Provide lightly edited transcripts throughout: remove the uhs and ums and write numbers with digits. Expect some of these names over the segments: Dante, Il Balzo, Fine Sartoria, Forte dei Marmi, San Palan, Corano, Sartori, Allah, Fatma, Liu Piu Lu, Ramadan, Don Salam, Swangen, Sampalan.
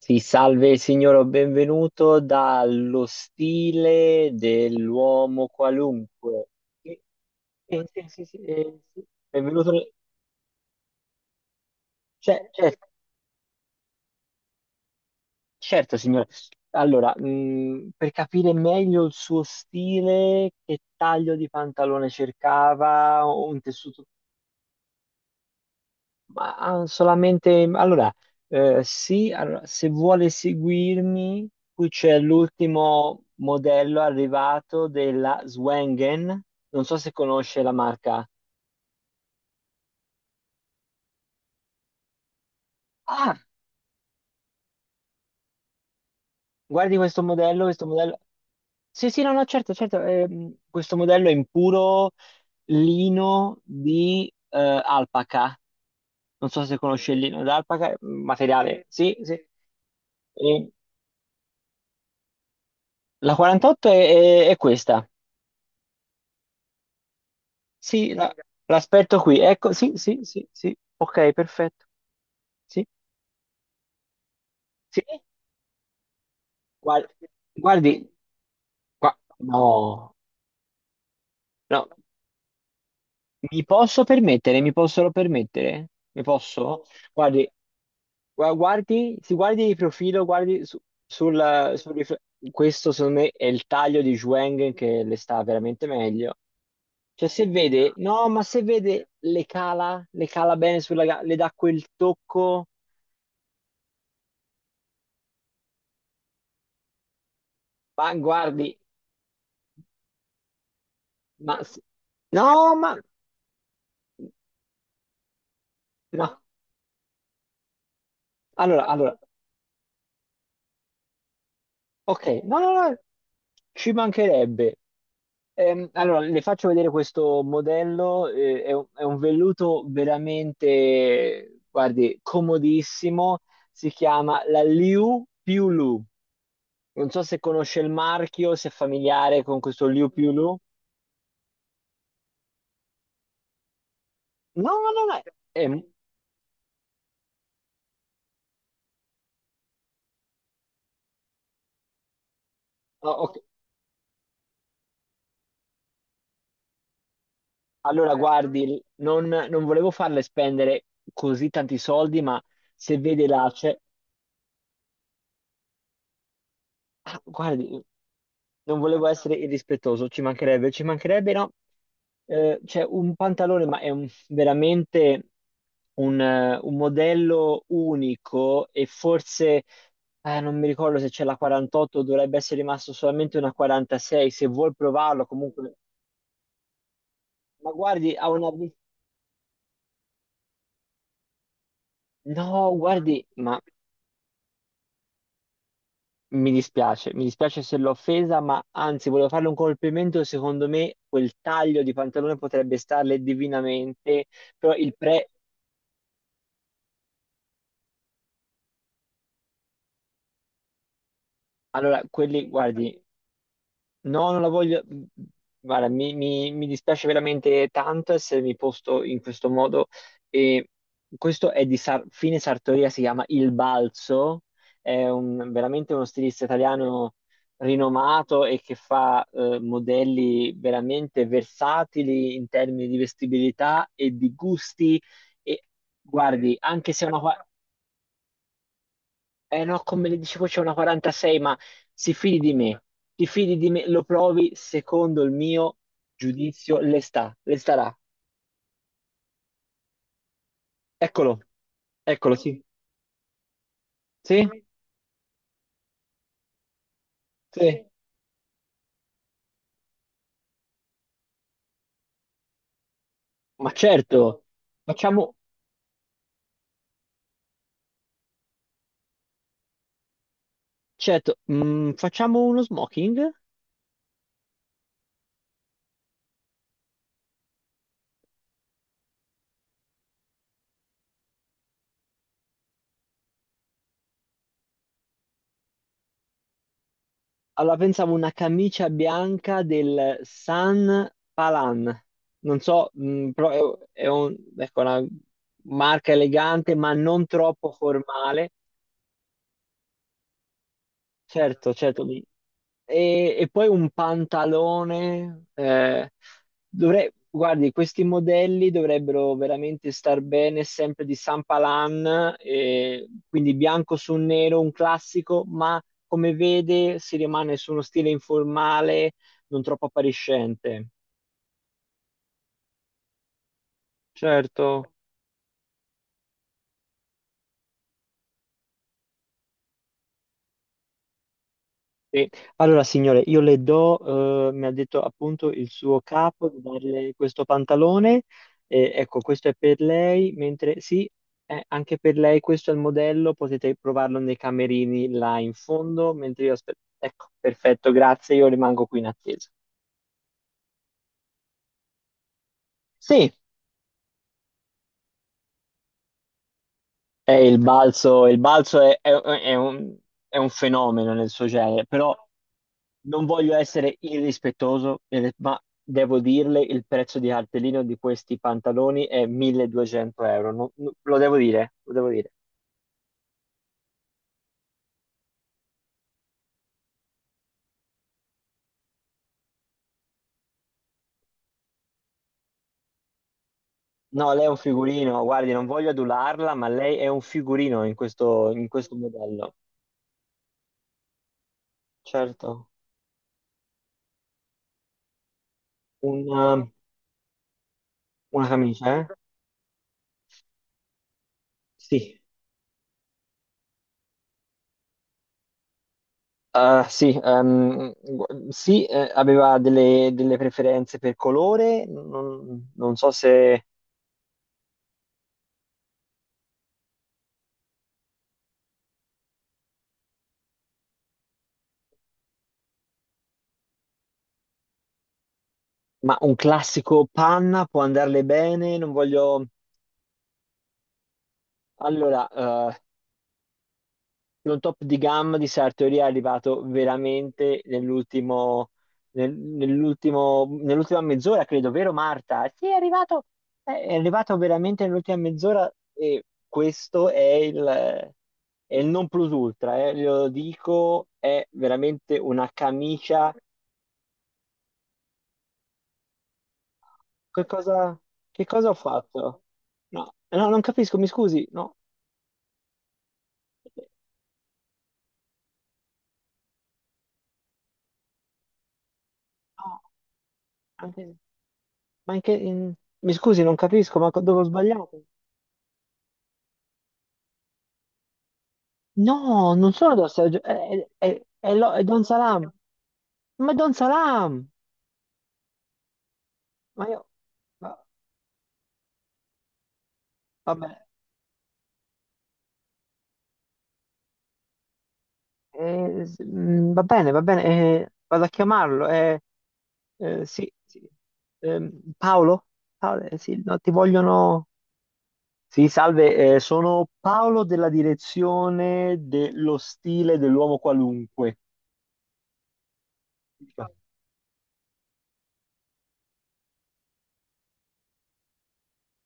Sì, salve signore, benvenuto dallo stile dell'uomo qualunque. Sì, sì. Benvenuto. Cer- cer- certo, signore. Allora, per capire meglio il suo stile, che taglio di pantalone cercava, un tessuto. Solamente allora, sì, allora, se vuole seguirmi, qui c'è l'ultimo modello arrivato della Swangen. Non so se conosce la marca. Ah, guardi questo modello, questo modello. Sì, sì, no, no, certo, certo. Questo modello è in puro lino di alpaca. Non so se conosce il lino d'alpaca, materiale. Sì, sì. E la 48 è è questa. Sì, la- L'aspetto qui. Ecco, sì, sì, sì, sì. Ok, perfetto. Sì, sì. Guardi, guardi, no, no. Mi posso permettere? Mi possono permettere? Mi posso? Guardi, guardi, si guardi di profilo, sul rifle- Questo secondo me è il taglio di Zhuang che le sta veramente meglio. Cioè, se vede, no, ma se vede le cala bene le dà quel tocco. Ma guardi, Ma s- no, ma no. Allora, allora, ok, no, no, no, ci mancherebbe. Allora, le faccio vedere questo modello, è è un velluto veramente, guardi, comodissimo. Si chiama la Liu Piu Lu. Non so se conosce il marchio, se è familiare con questo Liu Piu Lu. No, no, no, no. è- oh, ok. Allora, guardi, non volevo farle spendere così tanti soldi, ma se vede Ah, guardi, non volevo essere irrispettoso, ci mancherebbe, no? C'è un pantalone, ma è veramente un modello unico e forse, non mi ricordo se c'è la 48, dovrebbe essere rimasto solamente una 46, se vuol provarlo comunque. Ma guardi, ha una... No, guardi, ma mi dispiace, mi dispiace se l'ho offesa, ma anzi volevo farle un complimento, secondo me quel taglio di pantalone potrebbe starle divinamente, però il pre... Allora, quelli, guardi, no, non la voglio. Mhmm, Guarda, mi dispiace veramente tanto essermi posto in questo modo. E questo è di Fine Sartoria, si chiama Il Balzo, è veramente uno stilista italiano rinomato e che fa modelli veramente versatili in termini di vestibilità e di gusti. E guardi, anche se è una. Eh no, come le dicevo c'è una 46, ma si fidi di me, ti fidi di me, lo provi, secondo il mio giudizio le starà. Eccolo, eccolo, sì. Sì? Sì. Ma certo, facciamo, certo, facciamo uno smoking? Allora pensavo una camicia bianca del San Palan. Non so, però è ecco, una marca elegante, ma non troppo formale. Certo, certo, mi, e poi un pantalone. Dovrei, guardi, questi modelli dovrebbero veramente star bene sempre di Sampalan, quindi bianco su nero, un classico, ma come vede si rimane su uno stile informale, non troppo appariscente. Certo, sì. Allora, signore, io le do, mi ha detto appunto il suo capo di darle questo pantalone. Ecco, questo è per lei, mentre sì, anche per lei questo è il modello, potete provarlo nei camerini là in fondo, mentre io aspetto. Ecco, perfetto, grazie, io rimango qui in attesa. Sì, è il balzo è un fenomeno nel suo genere, però non voglio essere irrispettoso, ma devo dirle il prezzo di cartellino di questi pantaloni è 1200 euro. Lo devo dire, lo devo dire. No, lei è un figurino, guardi, non voglio adularla, ma lei è un figurino in questo modello. Certo. Una, una camicia, eh? Sì. Ah, sì, sì, aveva delle preferenze per colore, non so se... Ma un classico panna può andarle bene, non voglio... Allora, un top di gamma di Sartori è arrivato veramente nell'ultimo, nell'ultimo, nell'ultima mezz'ora, credo, vero Marta? Sì, è arrivato, è arrivato veramente nell'ultima mezz'ora e questo è il non plus ultra, glielo dico, è veramente una camicia. Che cosa, che cosa ho fatto? No, no, non capisco, mi scusi, no. No, ma anche in... mi scusi, non capisco, ma dove ho sbagliato? No, non sono dorsi, è è Don Salam. Ma è Don Salam! Ma io... ma- Vabbè, va bene, vado a chiamarlo. Sì, sì. Ehm, Paolo? Paolo, sì, no, ti vogliono... Sì, salve, sono Paolo della direzione dello stile dell'uomo qualunque.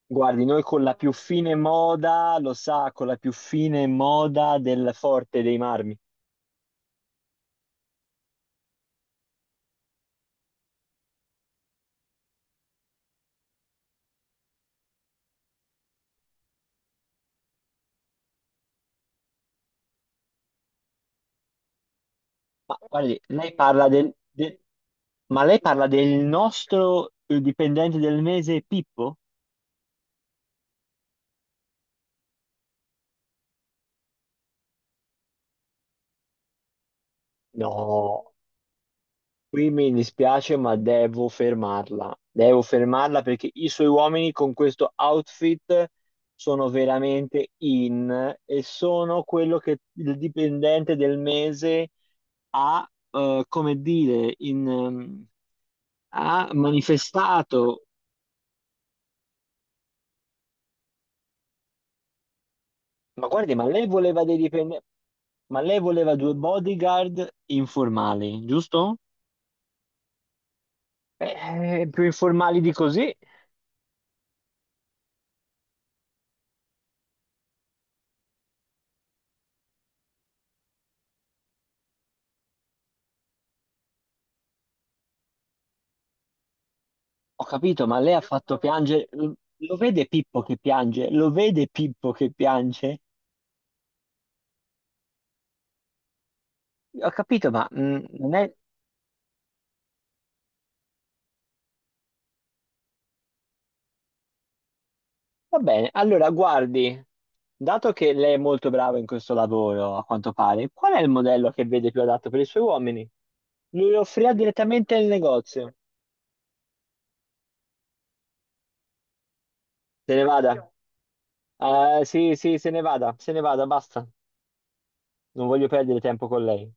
Guardi, noi con la più fine moda, lo sa, con la più fine moda del Forte dei Marmi. Ma guardi, lei parla del, del- ma lei parla del nostro dipendente del mese Pippo? No, qui mi dispiace, ma devo fermarla. Devo fermarla perché i suoi uomini con questo outfit sono veramente in e sono quello che il dipendente del mese ha, come dire, in... ha manifestato, ma guardi, ma lei voleva dei dipendenti, ma lei voleva due bodyguard informali, giusto? Più informali di così. Ho capito, ma lei ha fatto piangere. Lo vede Pippo che piange? Lo vede Pippo che piange? Ho capito, ma non è... Va bene, allora guardi, dato che lei è molto brava in questo lavoro, a quanto pare, qual è il modello che vede più adatto per i suoi uomini? Lui lo offrirà direttamente nel negozio. Se ne vada. Sì, sì, se ne vada, se ne vada, basta. Non voglio perdere tempo con lei.